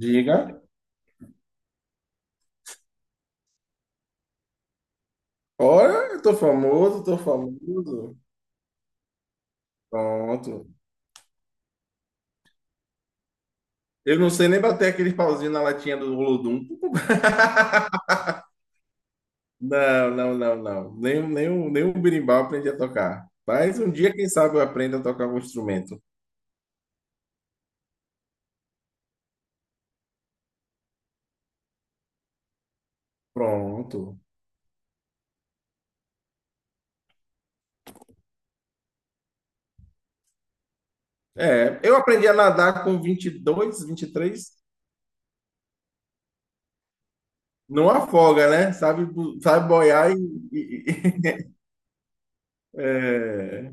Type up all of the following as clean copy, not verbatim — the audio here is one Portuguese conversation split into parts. Diga. Olha, eu tô famoso, tô famoso. Pronto. Eu não sei nem bater aquele pauzinho na latinha do Olodum. Não, não, não, não. Nem o berimbau eu aprendi a tocar. Mas um dia, quem sabe, eu aprendo a tocar algum instrumento. Pronto. Eu aprendi a nadar com 22, três. Não afoga, né? Sabe, sabe boiar e e- e- É.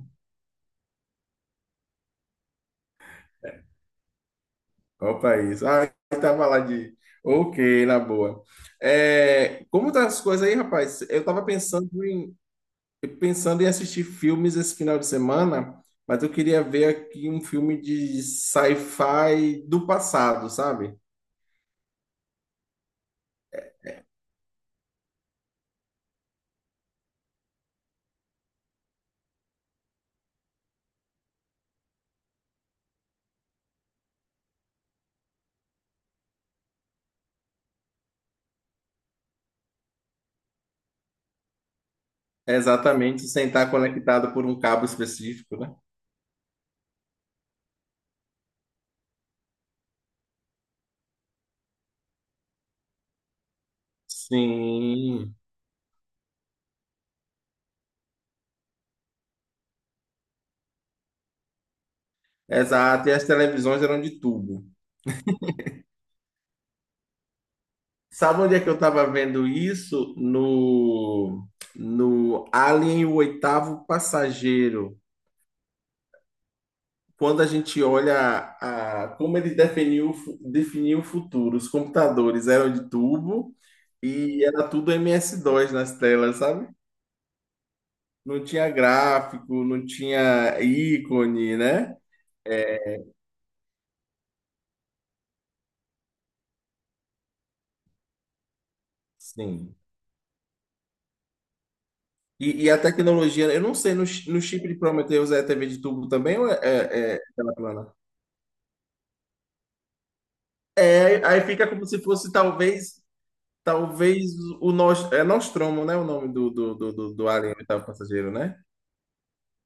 Qual país? Ah, estava lá de. Ok, na boa. Como tá as coisas aí, rapaz? Eu estava pensando em assistir filmes esse final de semana, mas eu queria ver aqui um filme de sci-fi do passado, sabe? Exatamente, sem estar conectado por um cabo específico, né? Sim, exato. E as televisões eram de tubo. Sabe onde é que eu estava vendo isso? No, no Alien, o oitavo passageiro. Quando a gente olha a, como ele definiu, definiu o futuro. Os computadores eram de tubo e era tudo MS-DOS nas telas, sabe? Não tinha gráfico, não tinha ícone, né? Sim. E a tecnologia, eu não sei, no chip de Prometheus é TV de tubo também ou é tela plana? É, aí fica como se fosse talvez, talvez é Nostromo, né? O nome do alien, o oitavo passageiro, né?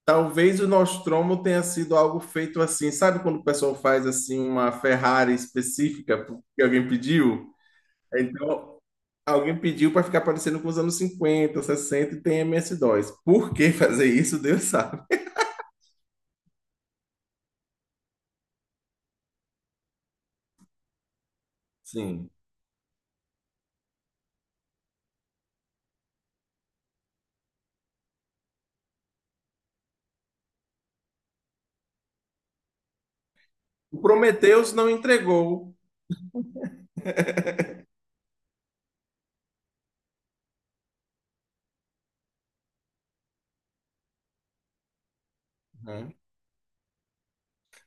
Talvez o Nostromo tenha sido algo feito assim, sabe quando o pessoal faz assim uma Ferrari específica porque alguém pediu? Então, alguém pediu para ficar parecendo com os anos 50, 60 e tem MS-DOS. Por que fazer isso, Deus sabe. Sim. O Prometheus não entregou, né?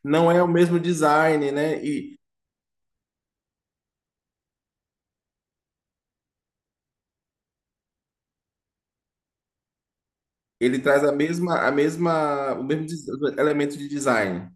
Não é o mesmo design, né? E ele traz a mesma, o mesmo elemento de design.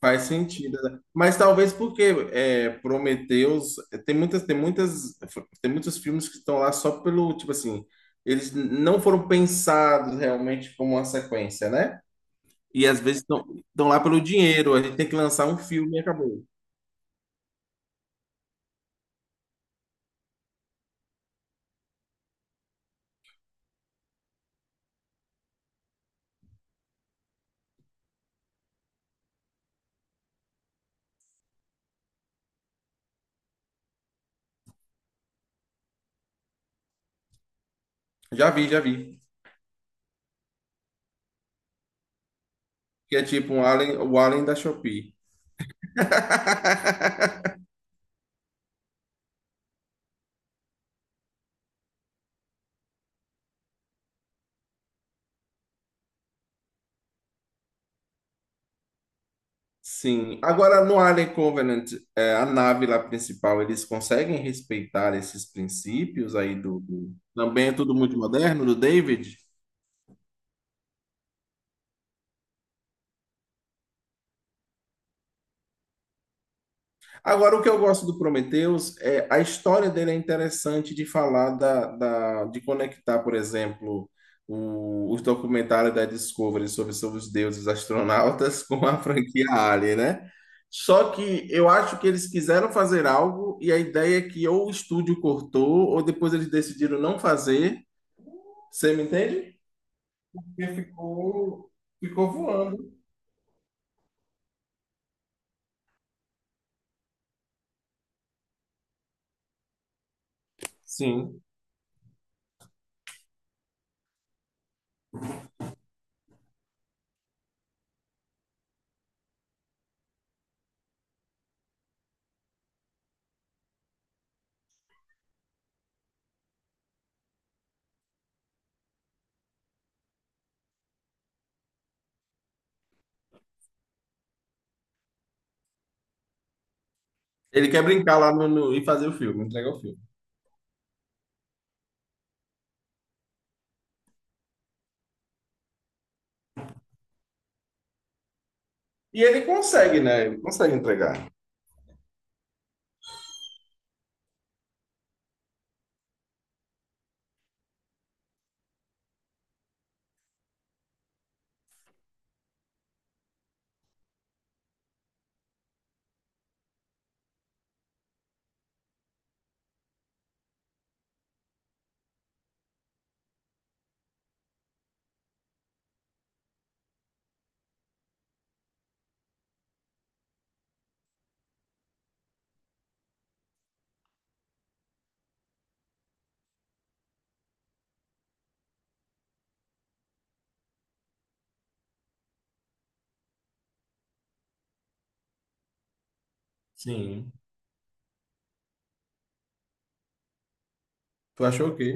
Faz sentido, né? Mas talvez porque é, Prometheus tem muitas, tem muitos filmes que estão lá só pelo, tipo assim, eles não foram pensados realmente como uma sequência, né? E às vezes estão lá pelo dinheiro, a gente tem que lançar um filme e acabou. Já vi, já vi. Que é tipo um Alien, o Alien da Shopee. Sim. Agora, no Alien Covenant, é, a nave lá principal, eles conseguem respeitar esses princípios aí Também é tudo muito moderno, do David? Agora, o que eu gosto do Prometheus é a história dele é interessante de falar de conectar, por exemplo, os documentários da Discovery sobre os deuses astronautas com a franquia Alien, né? Só que eu acho que eles quiseram fazer algo e a ideia é que ou o estúdio cortou ou depois eles decidiram não fazer. Você me entende? Porque ficou, ficou voando. Sim. Ele quer brincar lá e fazer o filme, entregar o filme. E ele consegue, né? Ele consegue entregar. Sim. Tu achou o quê?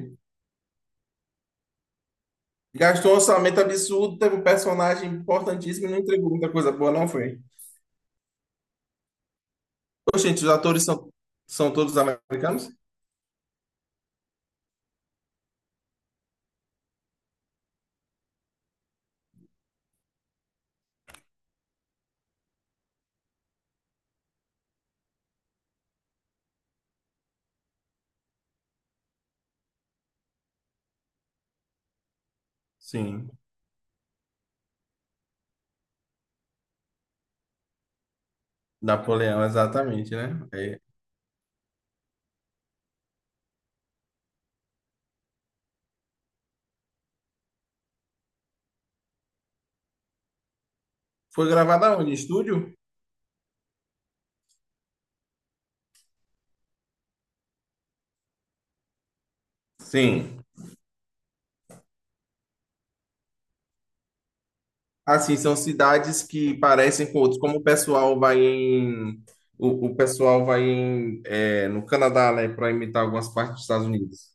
Gastou um orçamento absurdo, teve um personagem importantíssimo e não entregou muita coisa boa, não foi? Gente, os atores são, são todos americanos? Sim. Napoleão, exatamente, né? É. Foi gravada onde? Em estúdio? Sim. Assim, são cidades que parecem com outros. Como o pessoal vai em. O pessoal vai em, é, no Canadá, né? Para imitar algumas partes dos Estados Unidos.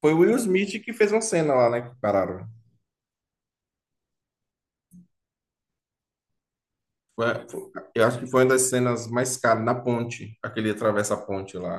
Foi o Will Smith que fez uma cena lá, né? Que pararam. Foi- Eu acho que foi uma das cenas mais caras na ponte, aquele atravessa a ponte lá.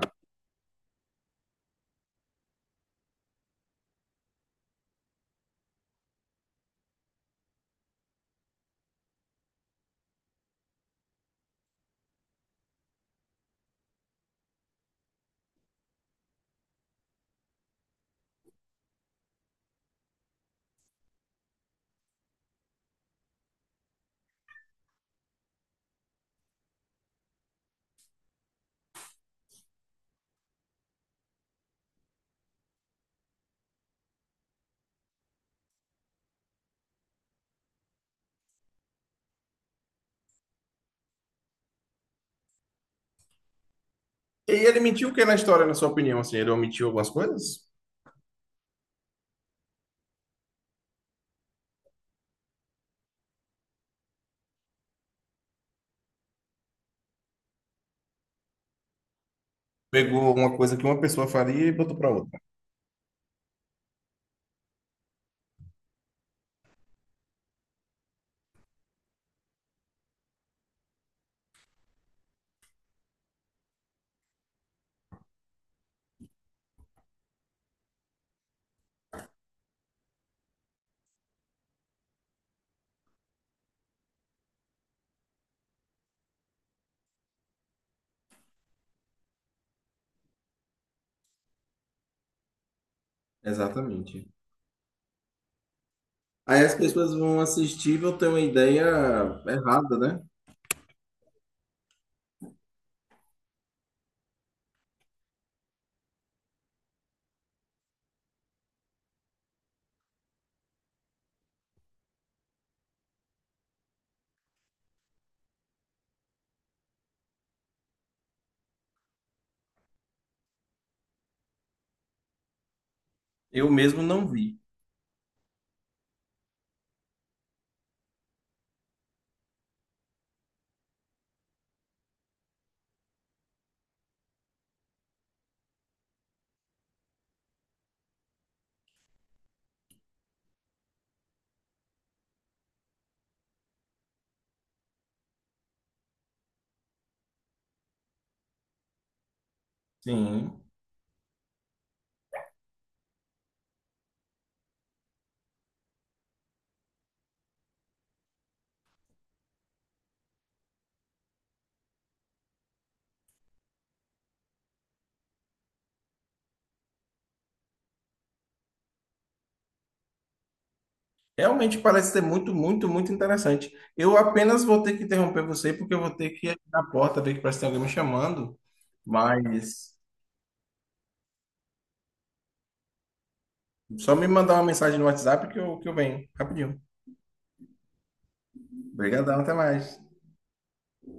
E ele mentiu o que na história, na sua opinião? Assim, ele omitiu algumas coisas? Pegou uma coisa que uma pessoa faria e botou para outra. Exatamente. Aí as pessoas vão assistir e vão ter uma ideia errada, né? Eu mesmo não vi. Sim. Realmente parece ser muito, muito, muito interessante. Eu apenas vou ter que interromper você porque eu vou ter que ir na porta ver que parece que tem alguém me chamando. Mas só me mandar uma mensagem no WhatsApp que eu venho. Rapidinho. Obrigadão, até mais.